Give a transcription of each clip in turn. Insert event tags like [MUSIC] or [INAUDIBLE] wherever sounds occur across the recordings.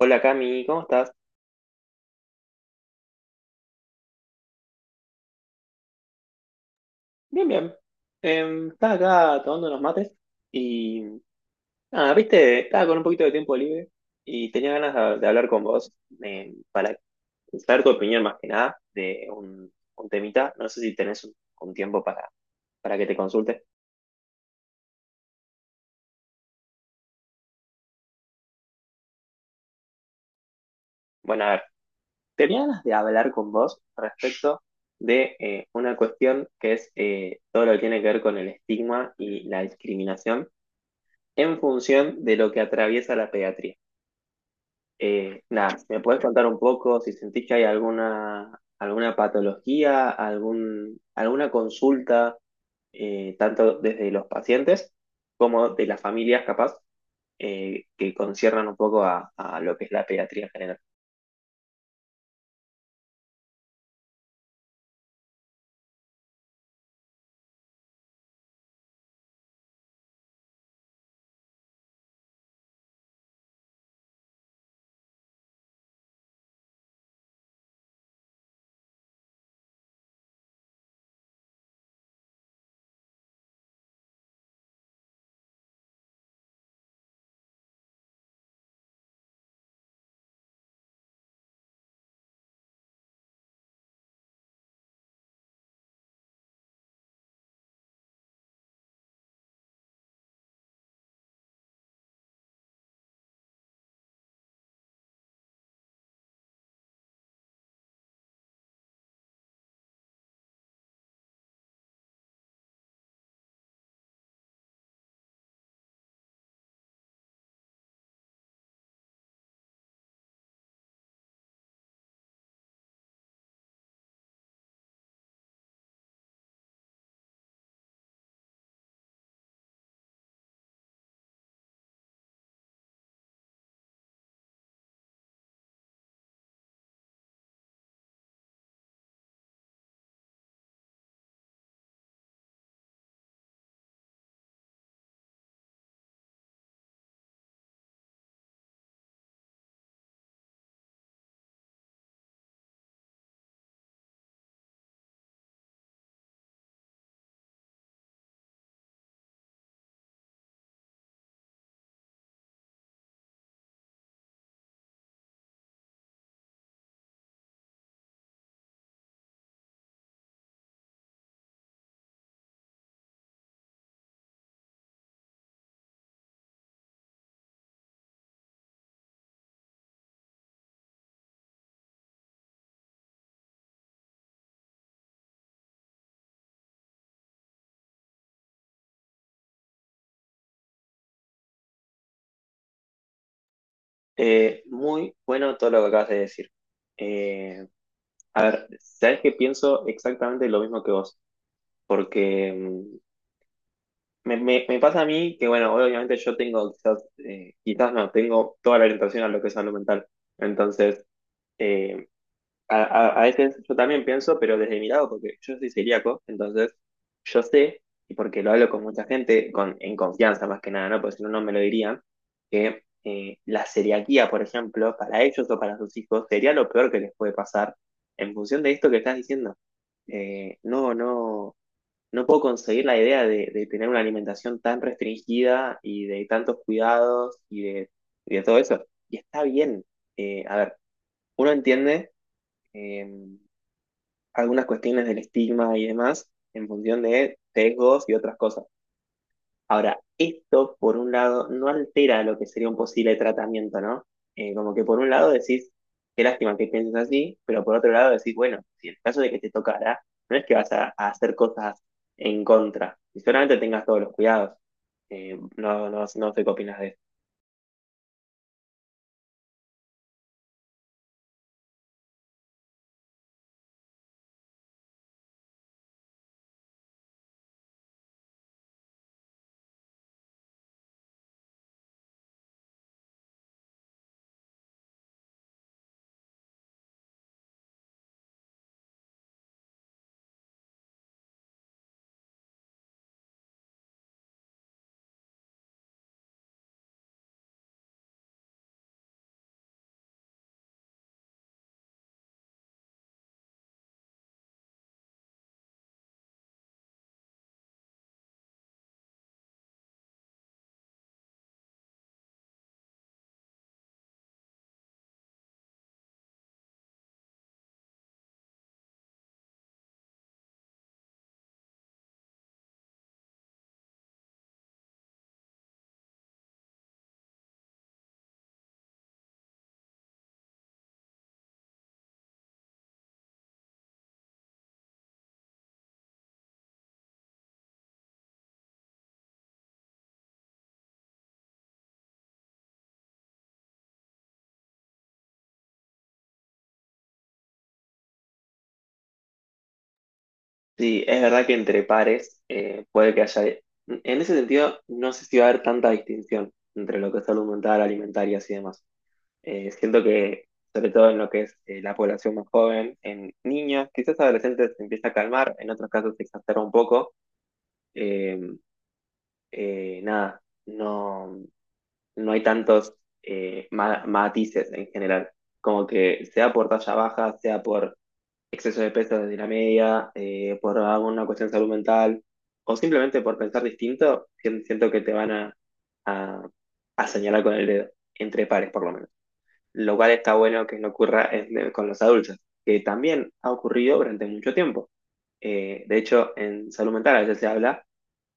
Hola Cami, ¿cómo estás? Bien, bien. Estaba acá tomando unos mates y... Ah, viste, estaba con un poquito de tiempo libre y tenía ganas de hablar con vos para saber tu opinión más que nada de un temita. No sé si tenés un tiempo para que te consulte. Bueno, a ver, tenía ganas de hablar con vos respecto de una cuestión que es todo lo que tiene que ver con el estigma y la discriminación en función de lo que atraviesa la pediatría. Nada, ¿me puedes contar un poco si sentís que hay alguna patología, alguna consulta, tanto desde los pacientes como de las familias, capaz, que conciernan un poco a lo que es la pediatría en general? Muy bueno todo lo que acabas de decir. Eh, a ver, sabes que pienso exactamente lo mismo que vos, porque me pasa a mí que, bueno, obviamente yo tengo quizás, quizás no, tengo toda la orientación a lo que es salud mental. Entonces, eh, a veces yo también pienso, pero desde mi lado, porque yo soy celíaco, entonces yo sé, y porque lo hablo con mucha gente, con, en confianza más que nada, ¿no? Porque si no, no me lo dirían, que la celiaquía, por ejemplo, para ellos o para sus hijos, sería lo peor que les puede pasar en función de esto que estás diciendo. Eh, no, no no puedo conseguir la idea de tener una alimentación tan restringida y de tantos cuidados y de todo eso. Y está bien. A ver, uno entiende eh, algunas cuestiones del estigma y demás en función de sesgos y otras cosas. Ahora, esto por un lado no altera lo que sería un posible tratamiento, ¿no? Como que por un lado decís, qué lástima que pienses así, pero por otro lado decís, bueno, si en el caso de que te tocara, no es que vas a hacer cosas en contra, y solamente tengas todos los cuidados. No sé qué opinas de eso. Sí, es verdad que entre pares puede que haya... En ese sentido, no sé si va a haber tanta distinción entre lo que es salud mental, alimentaria y demás. Siento que, sobre todo en lo que es la población más joven, en niños, quizás adolescentes se empieza a calmar, en otros casos se exacerba un poco. Eh, nada, no, No hay tantos matices en general. Como que sea por talla baja, sea por exceso de peso desde la media, por alguna cuestión de salud mental, o simplemente por pensar distinto, siento que te van a, a señalar con el dedo, entre pares por lo menos, lo cual está bueno que no ocurra con los adultos, que también ha ocurrido durante mucho tiempo. De hecho, en salud mental a veces se habla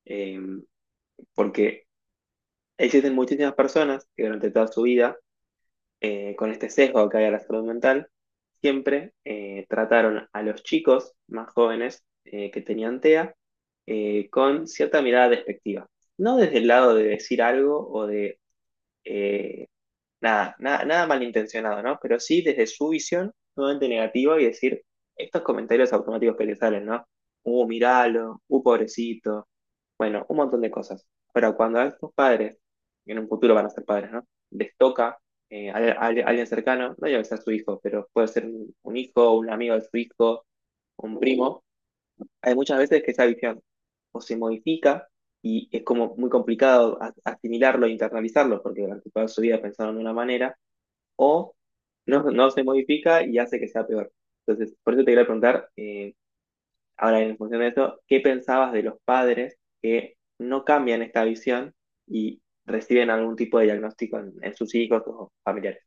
eh, porque existen muchísimas personas que durante toda su vida, con este sesgo que hay a la salud mental, siempre trataron a los chicos más jóvenes que tenían TEA con cierta mirada despectiva. No desde el lado de decir algo o de eh, nada, nada, nada malintencionado, ¿no? Pero sí desde su visión totalmente negativa y decir estos comentarios automáticos que le salen, ¿no? Miralo, pobrecito. Bueno, un montón de cosas. Pero cuando a estos padres, que en un futuro van a ser padres, ¿no? Les toca a alguien cercano, no ya que sea su hijo, pero puede ser un hijo, un amigo de su hijo, un primo. Hay muchas veces que esa visión o se modifica y es como muy complicado asimilarlo e internalizarlo, porque durante toda su vida pensaron de una manera o no se modifica y hace que sea peor. Entonces, por eso te quería preguntar, ahora en función de eso, ¿qué pensabas de los padres que no cambian esta visión y reciben algún tipo de diagnóstico en sus hijos o familiares?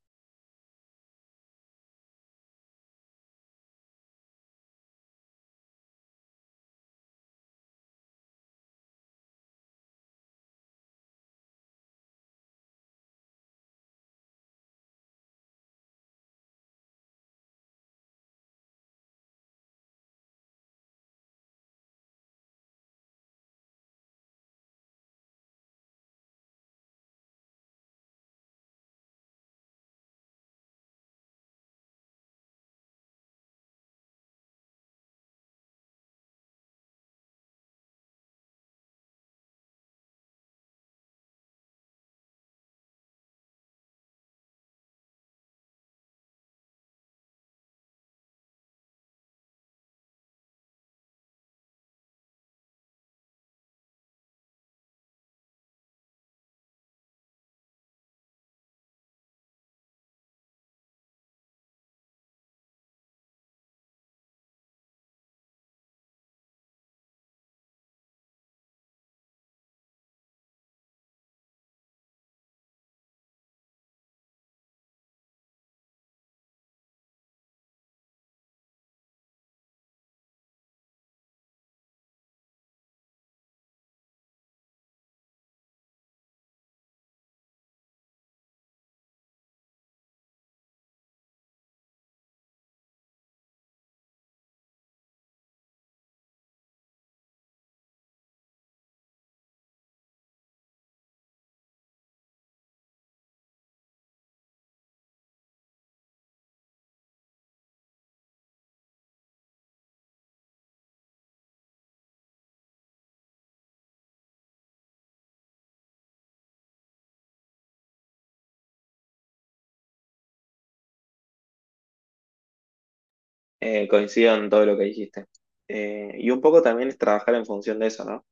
Coincido en todo lo que dijiste. Y un poco también es trabajar en función de eso, ¿no?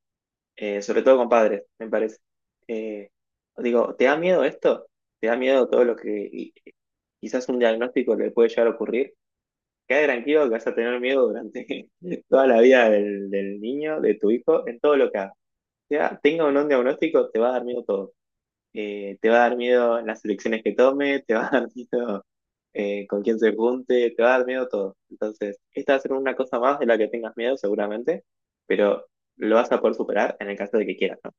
Sobre todo con padres, me parece. Eh, Digo, ¿te da miedo esto? ¿Te da miedo todo lo quizás un diagnóstico le puede llegar a ocurrir? Quédate tranquilo que vas a tener miedo durante [LAUGHS] toda la vida del niño, de tu hijo, en todo lo que haga. Tenga o no un diagnóstico, te va a dar miedo todo. Te va a dar miedo las elecciones que tome, te va a dar [LAUGHS] miedo con quién se junte, te va a dar miedo todo. Entonces, esta va a ser una cosa más de la que tengas miedo seguramente, pero lo vas a poder superar en el caso de que quieras, ¿no?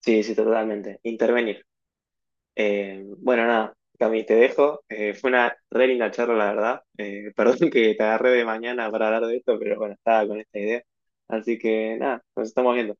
Sí, sí, totalmente. Intervenir. Bueno, nada, Cami, te dejo. Fue una re linda charla, la verdad. [LAUGHS] Perdón que te agarré de mañana para hablar de esto, pero bueno, estaba con esta idea. Así que nada, nos estamos viendo.